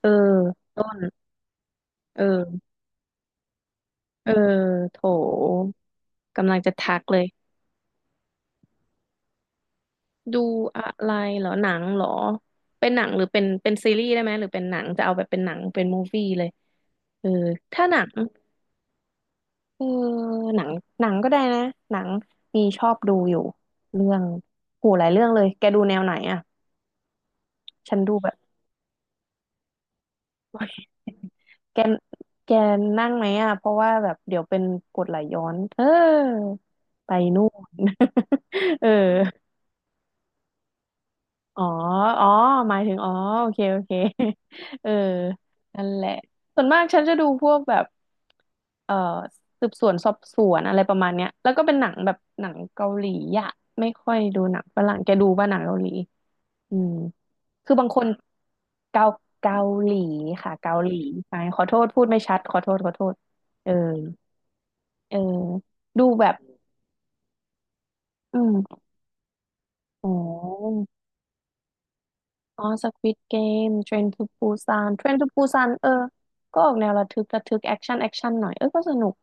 เออต้นเออเออโถกำลังจะทักเลยดูอะไรเหรอหนังเหรอเป็นหนังหรือเป็นซีรีส์ได้ไหมหรือเป็นหนังจะเอาแบบเป็นหนังเป็นมูฟวี่เลยเออถ้าหนังเออหนังหนังก็ได้นะหนังมีชอบดูอยู่เรื่องโหหลายเรื่องเลยแกดูแนวไหนอ่ะฉันดูแบบ แกแกนั่งไหมอ่ะเพราะว่าแบบเดี๋ยวเป็นกรดไหลย้อนเออไปนู่น เออ อ๋อ อ๋อหมายถึง อ๋อ โอเค โอเค เออนั่นแหละส่วนมากฉันจะดูพวกแบบเอ่อสืบสวนสอบสวนอะไรประมาณเนี้ยแล้วก็เป็นหนังแบบหนังเกาหลีอะไม่ค่อยดูหนังฝรั่งแกดูป่ะหนังเกาหลี อืม คือบางคนเกาเกาหลีค่ะเกาหลีไปขอโทษพูดไม่ชัดขอโทษขอโทษเออเออดูแบบอืมอ๋อ อ๋อสควิดเกมเทรนทูปูซานเทรนทูปูซานเออก็ออกแนวระทึกระทึกแอคชั่นแอคชั่นหน่อยเออก็สนุก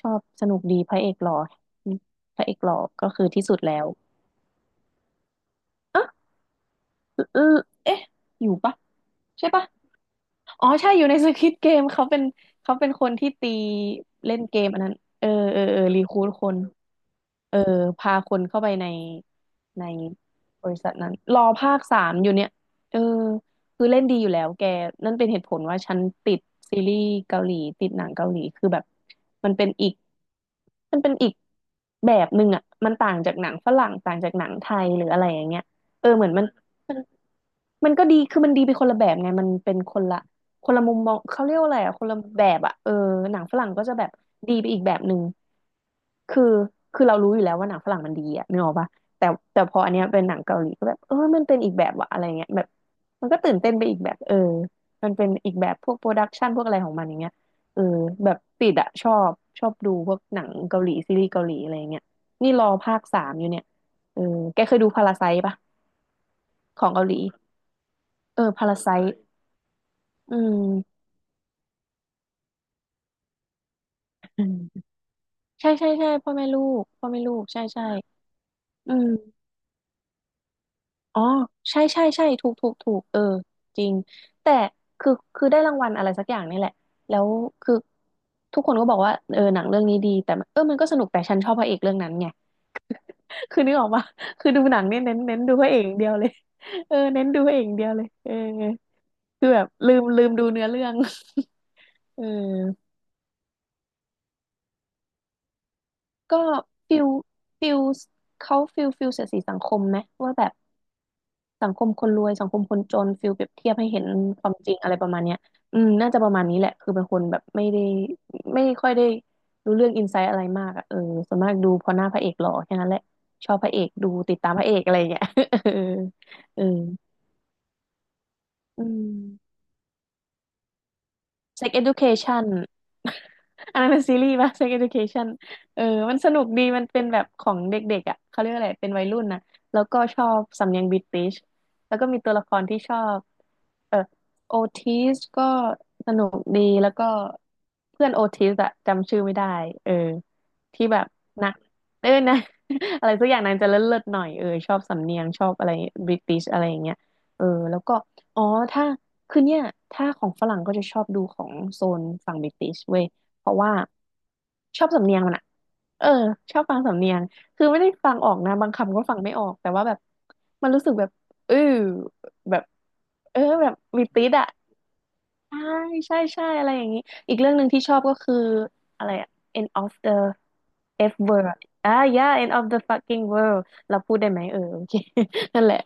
ชอบสนุกดีพระเอกหล่ออืมพระเอกหล่อก็คือที่สุดแล้ว เออเอ๊ะอยู่ปะใช่ปะอ๋อใช่อยู่ในสควิดเกมเขาเป็นเขาเป็นคนที่ตีเล่นเกมอันนั้นเออเออเออรีคูดคนเออพาคนเข้าไปในในบริษัทนั้นรอภาคสามอยู่เนี่ยเออคือเล่นดีอยู่แล้วแกนั่นเป็นเหตุผลว่าฉันติดซีรีส์เกาหลีติดหนังเกาหลีคือแบบมันเป็นอีกมันเป็นอีกแบบหนึ่งอ่ะมันต่างจากหนังฝรั่งต่างจากหนังไทยหรืออะไรอย่างเงี้ยเออเหมือนมัน มันก็ดีคือมันดีไปคนละแบบไงมันเป็นคนละคนละมุมมองเขาเรียกว่าอะไรอะคนละแบบอะเออหนังฝรั่งก็จะแบบดีไปอีกแบบหนึ่งคือคือเรารู้อยู่แล้วว่าหนังฝรั่งมันดีอะนึกออกปะแต่แต่พออันเนี้ยเป็นหนังเกาหลีก็แบบเออมันเป็นอีกแบบวะอะไรเงี้ยแบบมันก็ตื่นเต้นไปอีกแบบเออมันเป็นอีกแบบพวกโปรดักชันพวกอะไรของมันอย่างเงี้ยเออแบบติดอะชอบชอบดูพวกหนังเกาหลีซีรีส์เกาหลีอะไรเงี้ยนี่รอภาคสามอยู่เนี่ยเออแกเคยดูพาราไซต์ปะของเกาหลีเออพาราไซ อืมอืมใช่ใช่ใช่พ่อแม่ลูกพ่อแม่ลูกใช่ใช่อืมอ๋อใช่ใช่ใช่ถูกถูกถูกเออจริงแต่คือคือได้รางวัลอะไรสักอย่างนี่แหละแล้วคือทุกคนก็บอกว่าเออหนังเรื่องนี้ดีแต่มันเออมันก็สนุกแต่ฉันชอบพระเอกเรื่องนั้นไง คือนึกออกปะคือดูหนังเนี่ยเน้นเน้นดูพระเอกอย่างเดียวเลยเออเน้นดูพระเอกอย่างเดียวเลยเออคือแบบลืมลืมดูเนื้อเรื่อง เออก็ฟิลฟิลเขาฟิลฟิลเสียดสีสังคมไหมว่าแบบ สังคมคนรวยสังคมคนจนฟิลเปรียบเทียบให้เห็นความจริงอะไรประมาณเนี้ยอืมน่าจะประมาณนี้แหละคือเป็นคนแบบไม่ได้ไม่ค่อยได้รู้เรื่องอินไซต์อะไรมากอ่ะเออส่วนมากดูเพอหน้าพระเอกหล่อแค่นั้นแหละชอบพระเอกดูติดตามพระเอกอะไรอย่างเงี้ย เออเอออืม Sex Education อันนั้นเป็นซีรีส์ป่ะ Sex Education เออมันสนุกดี มันเป็นแบบของเด็กๆอ่ะ เขาเรียกอะไร เป็นวัยรุ่นนะแล้วก็ชอบสำเนียงบริติชแล้วก็มีตัวละครที่ชอบเออโอทิสก็สนุกดีแล้วก็เพื่อนโอทิสอะจำชื่อไม่ได้เออที่แบบนะเออนะ อะไรสักอย่างนางจะเลิศๆหน่อยเออชอบสำเนียงชอบอะไรบริติชอะไรอย่างเงี้ยเออ แล้วก็อ๋อถ้า คือเนี่ยถ้าของฝรั่งก็จะชอบดูของโซนฝั่งบริติชเว้ย เพราะว่าชอบสำเนียงมันอะเออชอบฟังสำเนียง คือไม่ได้ฟังออกนะบางคำก็ฟังไม่ออกแต่ว่าแบบมันรู้สึกแบบเออแบบเออแบบมีติดอะใช่ใช่ใช่อะไรอย่างนี้อีกเรื่องหนึ่งที่ชอบก็คืออะไรอะ end of the F word อ่า yeah end of the fucking world เราพูดได้ไหมเออโอเค นั่นแหละ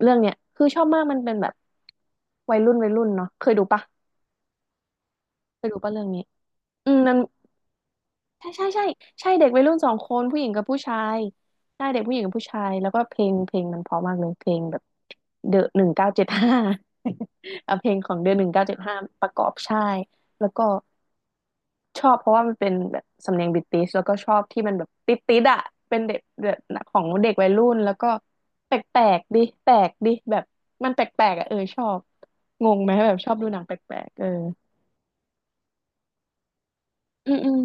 เรื่องเนี้ยคือชอบมากมันเป็นแบบวัยรุ่นวัยรุ่นเนาะเคยดูปะเคยดูปะเรื่องนี้อืมมัน ใช่ใช่ใช่ใช่เด็กวัยรุ่นสองคนผู้หญิงกับผู้ชายใช่เด็กผู้หญิงกับผู้ชายแล้วก็เพลงเพลงมันเพราะมากเลยเพลงแบบเดอะ1975 เอาเพลงของเดอะ 1975ประกอบใช่แล้วก็ชอบเพราะว่ามันเป็นแบบสำเนียงบริติชแล้วก็ชอบที่มันแบบติดติดอะเป็นเด็กแบบของเด็กวัยรุ่นแล้วก็แปลกๆดิแปลกดิแบบมันแปลกๆอะเออชอบงงไหมแบบชอบดูหนังแปลกๆเอออืมอืม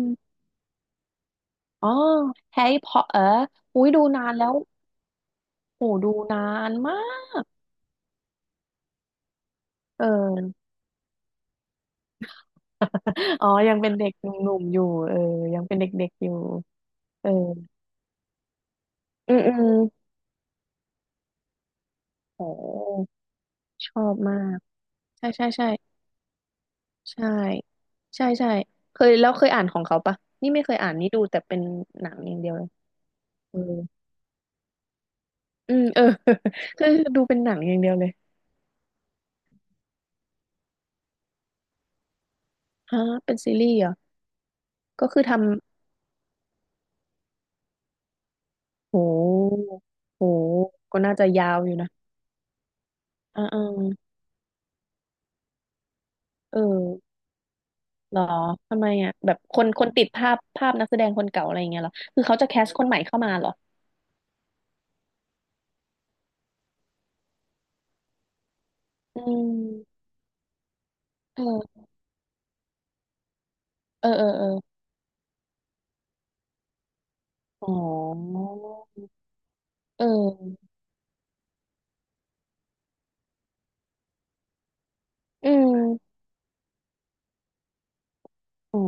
อ๋อแฮร์รี่พอตเตอร์อุ้ยดูนานแล้ว โหดูนานมากเอออ๋อยังเป็นเด็กหนุ่มๆอยู่เออยังเป็นเด็กๆอยู่เอออืมอืมโหชอบมากใช่ใช่ใช่ใช่ใช่ใช่เคยอ่านของเขาปะนี่ไม่เคยอ่านนี่ดูแต่เป็นหนังอย่างเดียวเลยเอออืมเออ คือดูเป็นหนังอย่างเดียวเลยฮะเป็นซีรีส์เหรอก็คือทำโหโหก็น่าจะยาวอยู่นะอ่าๆเออ หรอทำไมอ่ะแบบคนติดภาพนักแสดงคนเก่าอะไรอย่างเงี้ยเหรอคือเขาจะแคสคนใหม่เข้ามาเหรออืมเออเออเออเอออ๋อเอออืมอ๋อ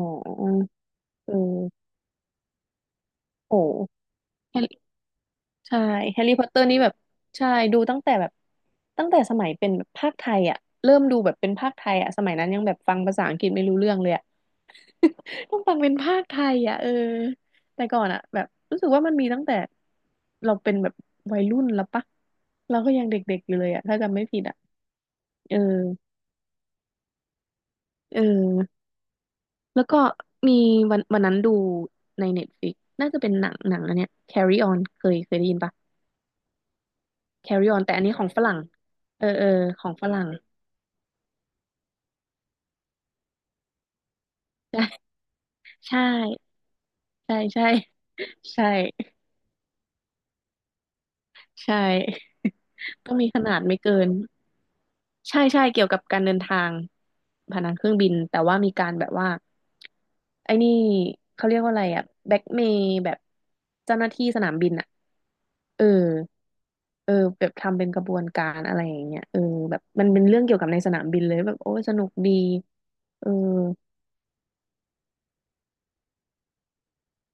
เออโอ้แฮร์ใช่แฮร์รี่พอตเตอร์นี่แบบใช่ดูตั้งแต่แบบตั้งแต่สมัยเป็นแบบภาคไทยอ่ะเริ่มดูแบบเป็นภาคไทยอ่ะสมัยนั้นยังแบบฟังภาษาอังกฤษไม่รู้เรื่องเลยอะ ต้องฟังเป็นภาคไทยอ่ะเออแต่ก่อนอ่ะแบบรู้สึกว่ามันมีตั้งแต่เราเป็นแบบวัยรุ่นแล้วปะเราก็ยังเด็กๆอยู่เลยอ่ะถ้าจำไม่ผิดอ่ะเออเออแล้วก็มีวันนั้นดูในเน็ตฟ i ิกน่าจะเป็นหนังอันเนี้ย Carry On เคยได้ยินปะ Carry On แต่อันนี้ของฝรั่งเออเออของฝรั่ง ใช่ใช่ใช่ใช่ใช่ ใช่ต้องมีขนาดไม่เกิน ใช่ใช่เกี่ยวกับการเดินทางผ่านทางเครื่องบินแต่ว่ามีการแบบว่าไอ้นี่เขาเรียกว่าอะไรอะแบ็กเมย์แบบเจ้าหน้าที่สนามบินอะเออเออแบบทำเป็นกระบวนการอะไรอย่างเงี้ยเออแบบมันเป็นเรื่องเกี่ยวกับในสนามบินเลยแบบโอ้ยสนุกดีเออ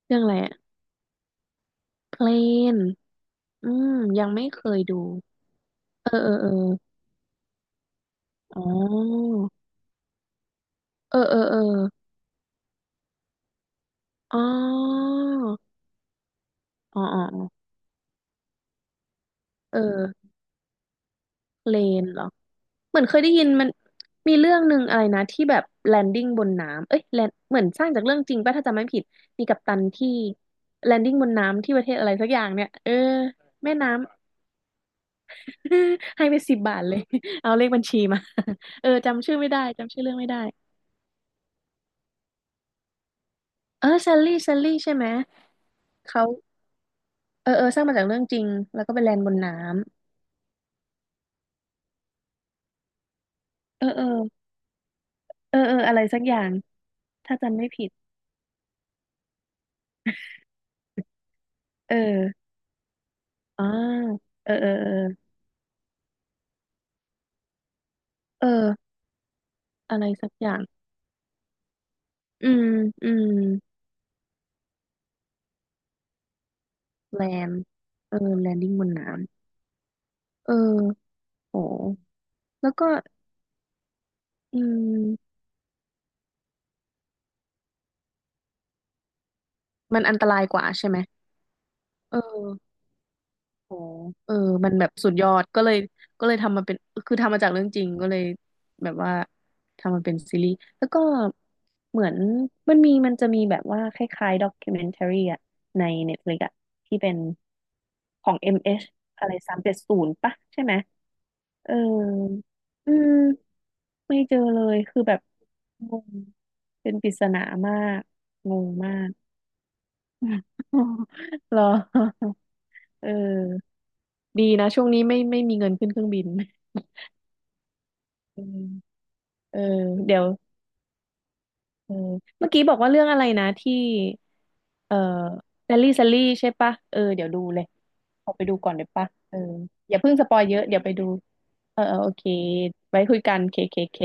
เรื่องอะไรอะเพลนอืมยังไม่เคยดูเออเออเอออ๋อเออเออเอออ๋ออ๋ออ๋ออ๋อเออเพลนเหรอ เหมือนเคยได้ยินมันมีเรื่องหนึ่งอะไรนะที่แบบแลนดิ้งบนน้ำเอ้ยแลนเหมือนสร้างจากเรื่องจริงป่ะถ้าจำไม่ผิดมีกัปตันที่แลนดิ้งบนน้ำที่ประเทศอะไรสักอย่างเนี่ยเออแม่น้ำ ให้ไป10 บาทเลยเอาเลขบัญชีมา เออจำชื่อไม่ได้จำชื่อเรื่องไม่ได้เออซัลลี่ซัลลี่ใช่ไหมเขาเออเออสร้างมาจากเรื่องจริงแล้วก็ไปแลนบนน้ำเออเออเออเอออะไรสักอย่างถ้าจำไม่ผิดเอออ่าเออเออเออเอออะไรสักอย่างอืมอืม แลนเออแลนดิ้งบนน้ำ เออโหแล้วก็อืมมันอันตรายกว่าใช่ไหม เออโหเออมันแบบสุดยอด ก็เลย ก็เลยทำมาเป็น คือทำมาจากเรื่องจริงก็เลย แบบว่า ทำมาเป็นซีรีส์แล้วก็ เหมือนมันมีมันจะมีแบบว่าคล้ายๆด็อก m ิ n เมนทรีอะ ใน Netflix อะ ที่เป็น ของ MH อมเอชอะไร370ปะใช่ไหม เอออืมไม่เจอเลย คือแบบงง เป็นปริศนามากงงมาก เหรอเออดีนะช่วงนี้ไม่ไม่มีเงินขึ้นเครื่องบิน เออเออเดี๋ยวเออเมื่อกี้บอกว่าเรื่องอะไรนะที่เออแซลลี่แซลลี่ใช่ปะเออเดี๋ยวดูเลยขอไปดูก่อนเดี๋ยวปะเอออย่าเพิ่งสปอยเยอะเดี๋ยวไปดูเออเออโอเคไว้คุยกันK K K